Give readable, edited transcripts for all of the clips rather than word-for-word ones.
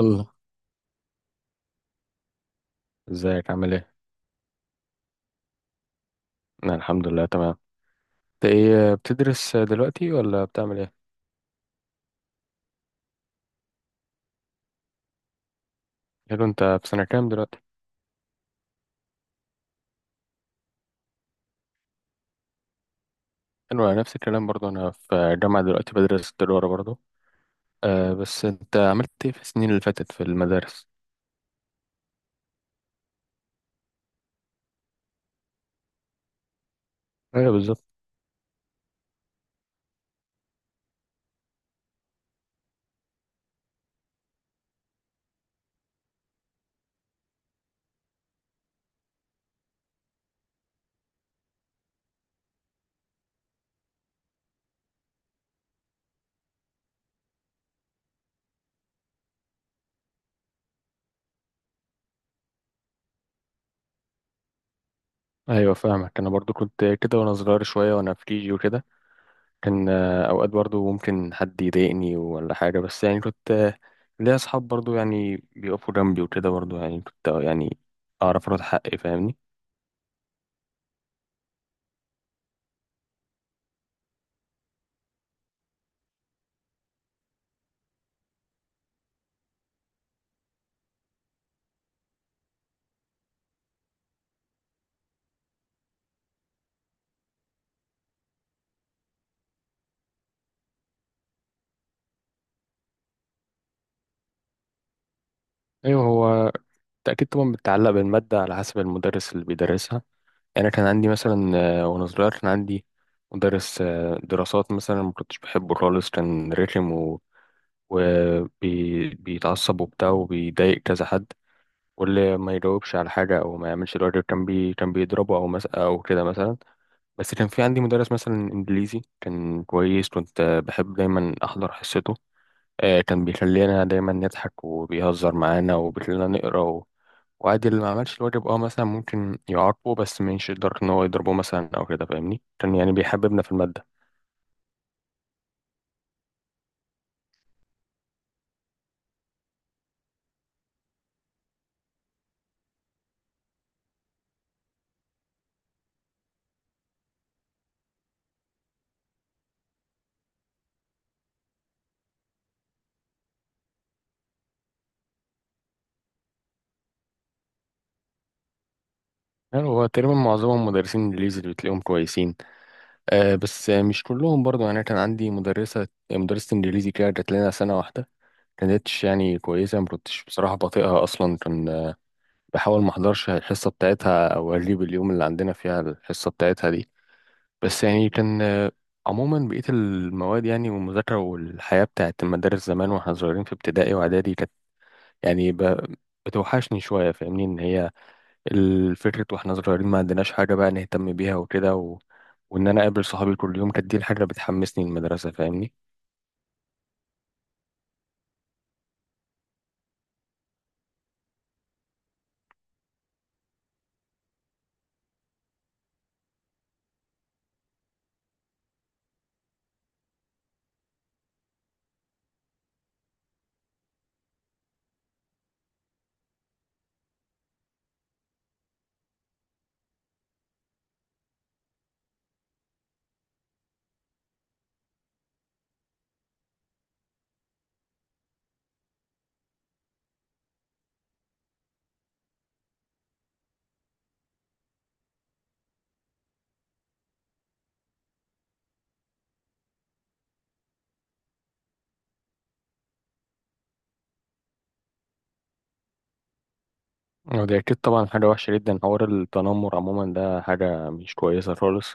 الله. ازيك، عامل ايه؟ انا الحمد لله تمام. انت ايه بتدرس دلوقتي ولا بتعمل ايه؟ حلو، انت في سنة كام دلوقتي؟ حلو، انا نفس الكلام برضه. انا في جامعة دلوقتي بدرس تجارة برضه. آه، بس انت عملت ايه في السنين اللي فاتت في المدارس؟ ايوه، بالظبط. ايوه، فاهمك. انا برضه كنت كده وانا صغير شوية وانا في كيجي وكده. كان اوقات برضه ممكن حد يضايقني ولا حاجة، بس يعني كنت ليا اصحاب برضه يعني بيقفوا جنبي وكده، برضه يعني كنت يعني اعرف ارد حقي، فاهمني؟ ايوه هو. أكيد طبعا بتتعلق بالمادة على حسب المدرس اللي بيدرسها. يعني أنا كان عندي مثلا وأنا صغير كان عندي مدرس دراسات مثلا، ما كنتش بحبه خالص. كان رخم وبيتعصب وبتاع وبيضايق كذا حد. واللي ما يجاوبش على حاجة أو ما يعملش الواجب كان كان بيضربه أو أو كده مثلا. بس كان في عندي مدرس مثلا إنجليزي كان كويس. كنت بحب دايما أحضر حصته. كان بيخلينا دايما نضحك وبيهزر معانا وبيخلينا نقرأ. وعادي اللي ما عملش الواجب مثلا ممكن يعاقبه، بس مش يقدر ان هو يضربه مثلا او كده، فاهمني. كان يعني بيحببنا في الماده. يعني هو تقريبا معظمهم مدرسين انجليزي اللي بتلاقيهم كويسين. آه، بس مش كلهم برضو. يعني كان عندي مدرسه انجليزي كده جات لنا سنه واحده، كانتش يعني كويسه. ما كنتش بصراحه بطيئها اصلا. كان بحاول ما احضرش الحصه بتاعتها او اغيب اليوم اللي عندنا فيها الحصه بتاعتها دي. بس يعني كان عموما بقية المواد، يعني والمذاكرة والحياة بتاعت المدارس زمان واحنا صغيرين في ابتدائي واعدادي، كانت يعني بتوحشني شوية، فاهمني. إن هي الفكرة وإحنا صغيرين ما عندناش حاجة بقى نهتم بيها وكده وإن أنا أقابل صحابي كل يوم، كانت دي الحاجة اللي بتحمسني المدرسة، فاهمني. ودي أكيد طبعا حاجة وحشة جدا. حوار التنمر عموما ده حاجة مش كويسة خالص.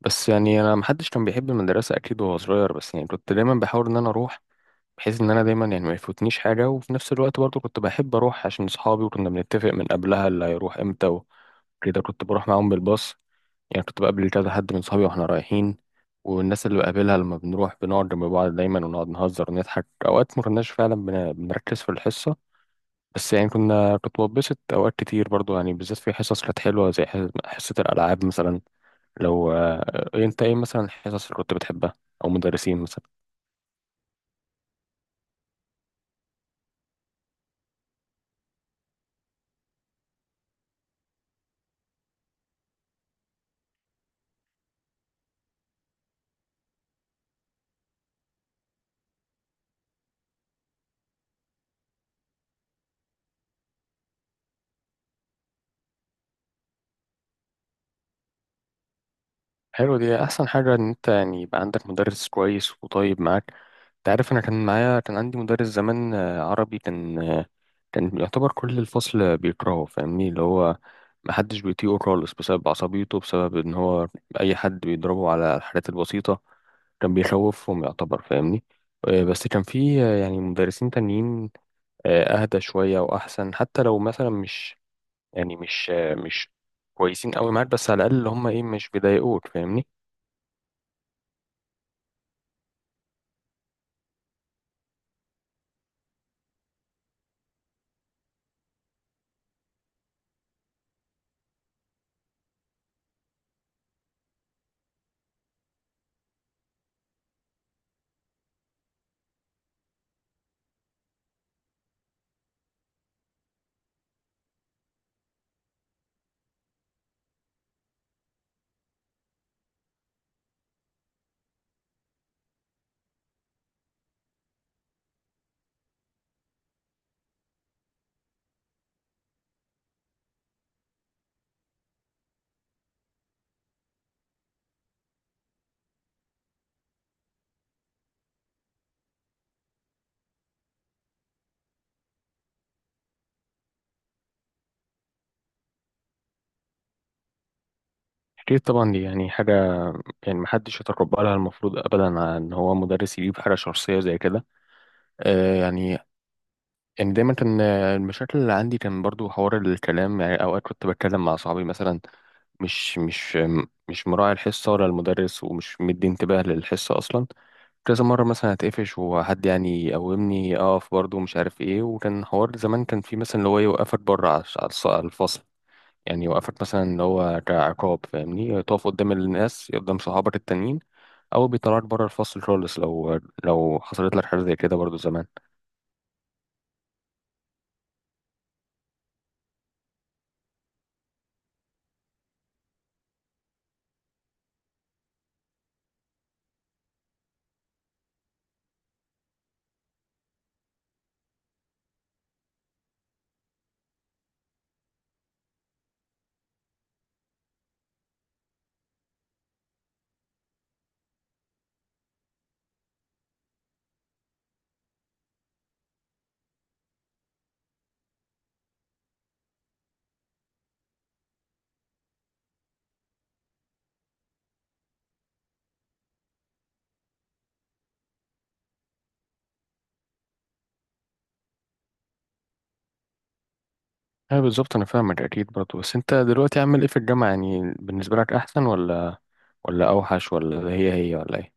بس يعني أنا محدش كان بيحب المدرسة أكيد وهو صغير، بس يعني كنت دايما بحاول إن أنا أروح، بحيث إن أنا دايما يعني ما يفوتنيش حاجة. وفي نفس الوقت برضه كنت بحب أروح عشان صحابي، وكنا بنتفق من قبلها اللي هيروح إمتى وكده كنت بروح معاهم بالباص. يعني كنت بقابل كذا حد من صحابي واحنا رايحين. والناس اللي بقابلها لما بنروح بنقعد جنب بعض دايما ونقعد نهزر ونضحك، اوقات ما كناش فعلا بنركز في الحصه. بس يعني كنت بتبسط اوقات كتير برضو، يعني بالذات في حصص كانت حلوه زي حصه الالعاب مثلا. لو انت ايه مثلا الحصص اللي كنت بتحبها او مدرسين مثلا؟ حلو، دي احسن حاجه ان انت يعني يبقى عندك مدرس كويس وطيب معاك. انت عارف، انا كان معايا كان عندي مدرس زمان عربي كان كان يعتبر كل الفصل بيكرهه، فاهمني. اللي هو محدش بيطيقه خالص بسبب عصبيته، بسبب ان هو اي حد بيضربه على الحاجات البسيطه، كان بيخوفهم يعتبر، فاهمني. بس كان في يعني مدرسين تانيين اهدى شويه واحسن، حتى لو مثلا مش يعني مش مش كويسين قوي معاك، بس على الاقل اللي هم ايه؟ مش بيضايقوك، فاهمني. أكيد طبعا دي يعني حاجة يعني محدش يتقبلها المفروض أبدا، إن هو مدرس يجيب حاجة شخصية زي كده. آه، يعني يعني دايما كان المشاكل اللي عندي كان برضو حوار الكلام. يعني أوقات كنت بتكلم مع صحابي مثلا، مش مش مش مراعي الحصة ولا المدرس ومش مدي انتباه للحصة أصلا. كذا مرة مثلا هتقفش وحد يعني يقومني أقف برضو مش عارف إيه. وكان حوار زمان كان في مثلا اللي هو يوقفك بره على على على الفصل، يعني يوقفك مثلا اللي هو كعقاب، فاهمني. تقف قدام الناس قدام صحابك التانيين، او بيطلعك بره الفصل خالص. لو حصلت لك حاجه زي كده برضو زمان؟ ايوه بالظبط، انا فاهمك اكيد برضو. بس انت دلوقتي عامل ايه في الجامعه؟ يعني بالنسبه لك احسن ولا اوحش، ولا هي هي، ولا ايه؟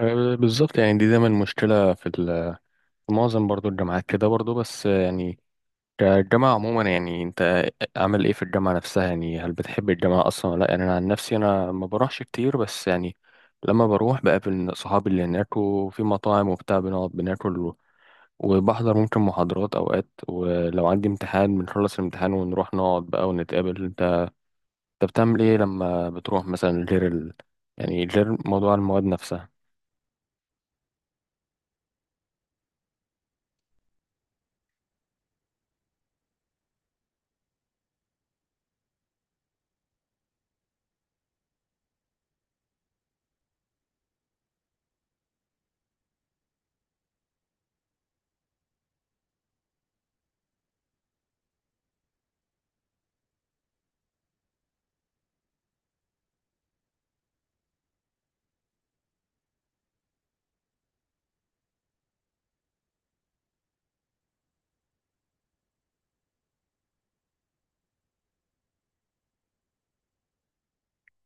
أه، بالظبط. يعني دي دايما مشكله في في معظم برضو الجامعات كده برضو. بس آه، يعني كالجامعه عموما، يعني انت عامل ايه في الجامعه نفسها؟ يعني هل بتحب الجامعه اصلا ولا لا؟ يعني انا عن نفسي انا ما بروحش كتير، بس يعني لما بروح بقابل صحابي اللي هناك، وفي مطاعم وبتاع بنقعد بناكل، وبحضر ممكن محاضرات اوقات، ولو عندي امتحان بنخلص الامتحان ونروح نقعد بقى ونتقابل. انت بتعمل ايه لما بتروح مثلا غير يعني غير موضوع المواد نفسها؟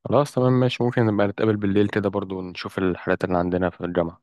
خلاص، تمام ماشي. ممكن نبقى نتقابل بالليل كده برضو ونشوف الحالات اللي عندنا في الجامعة.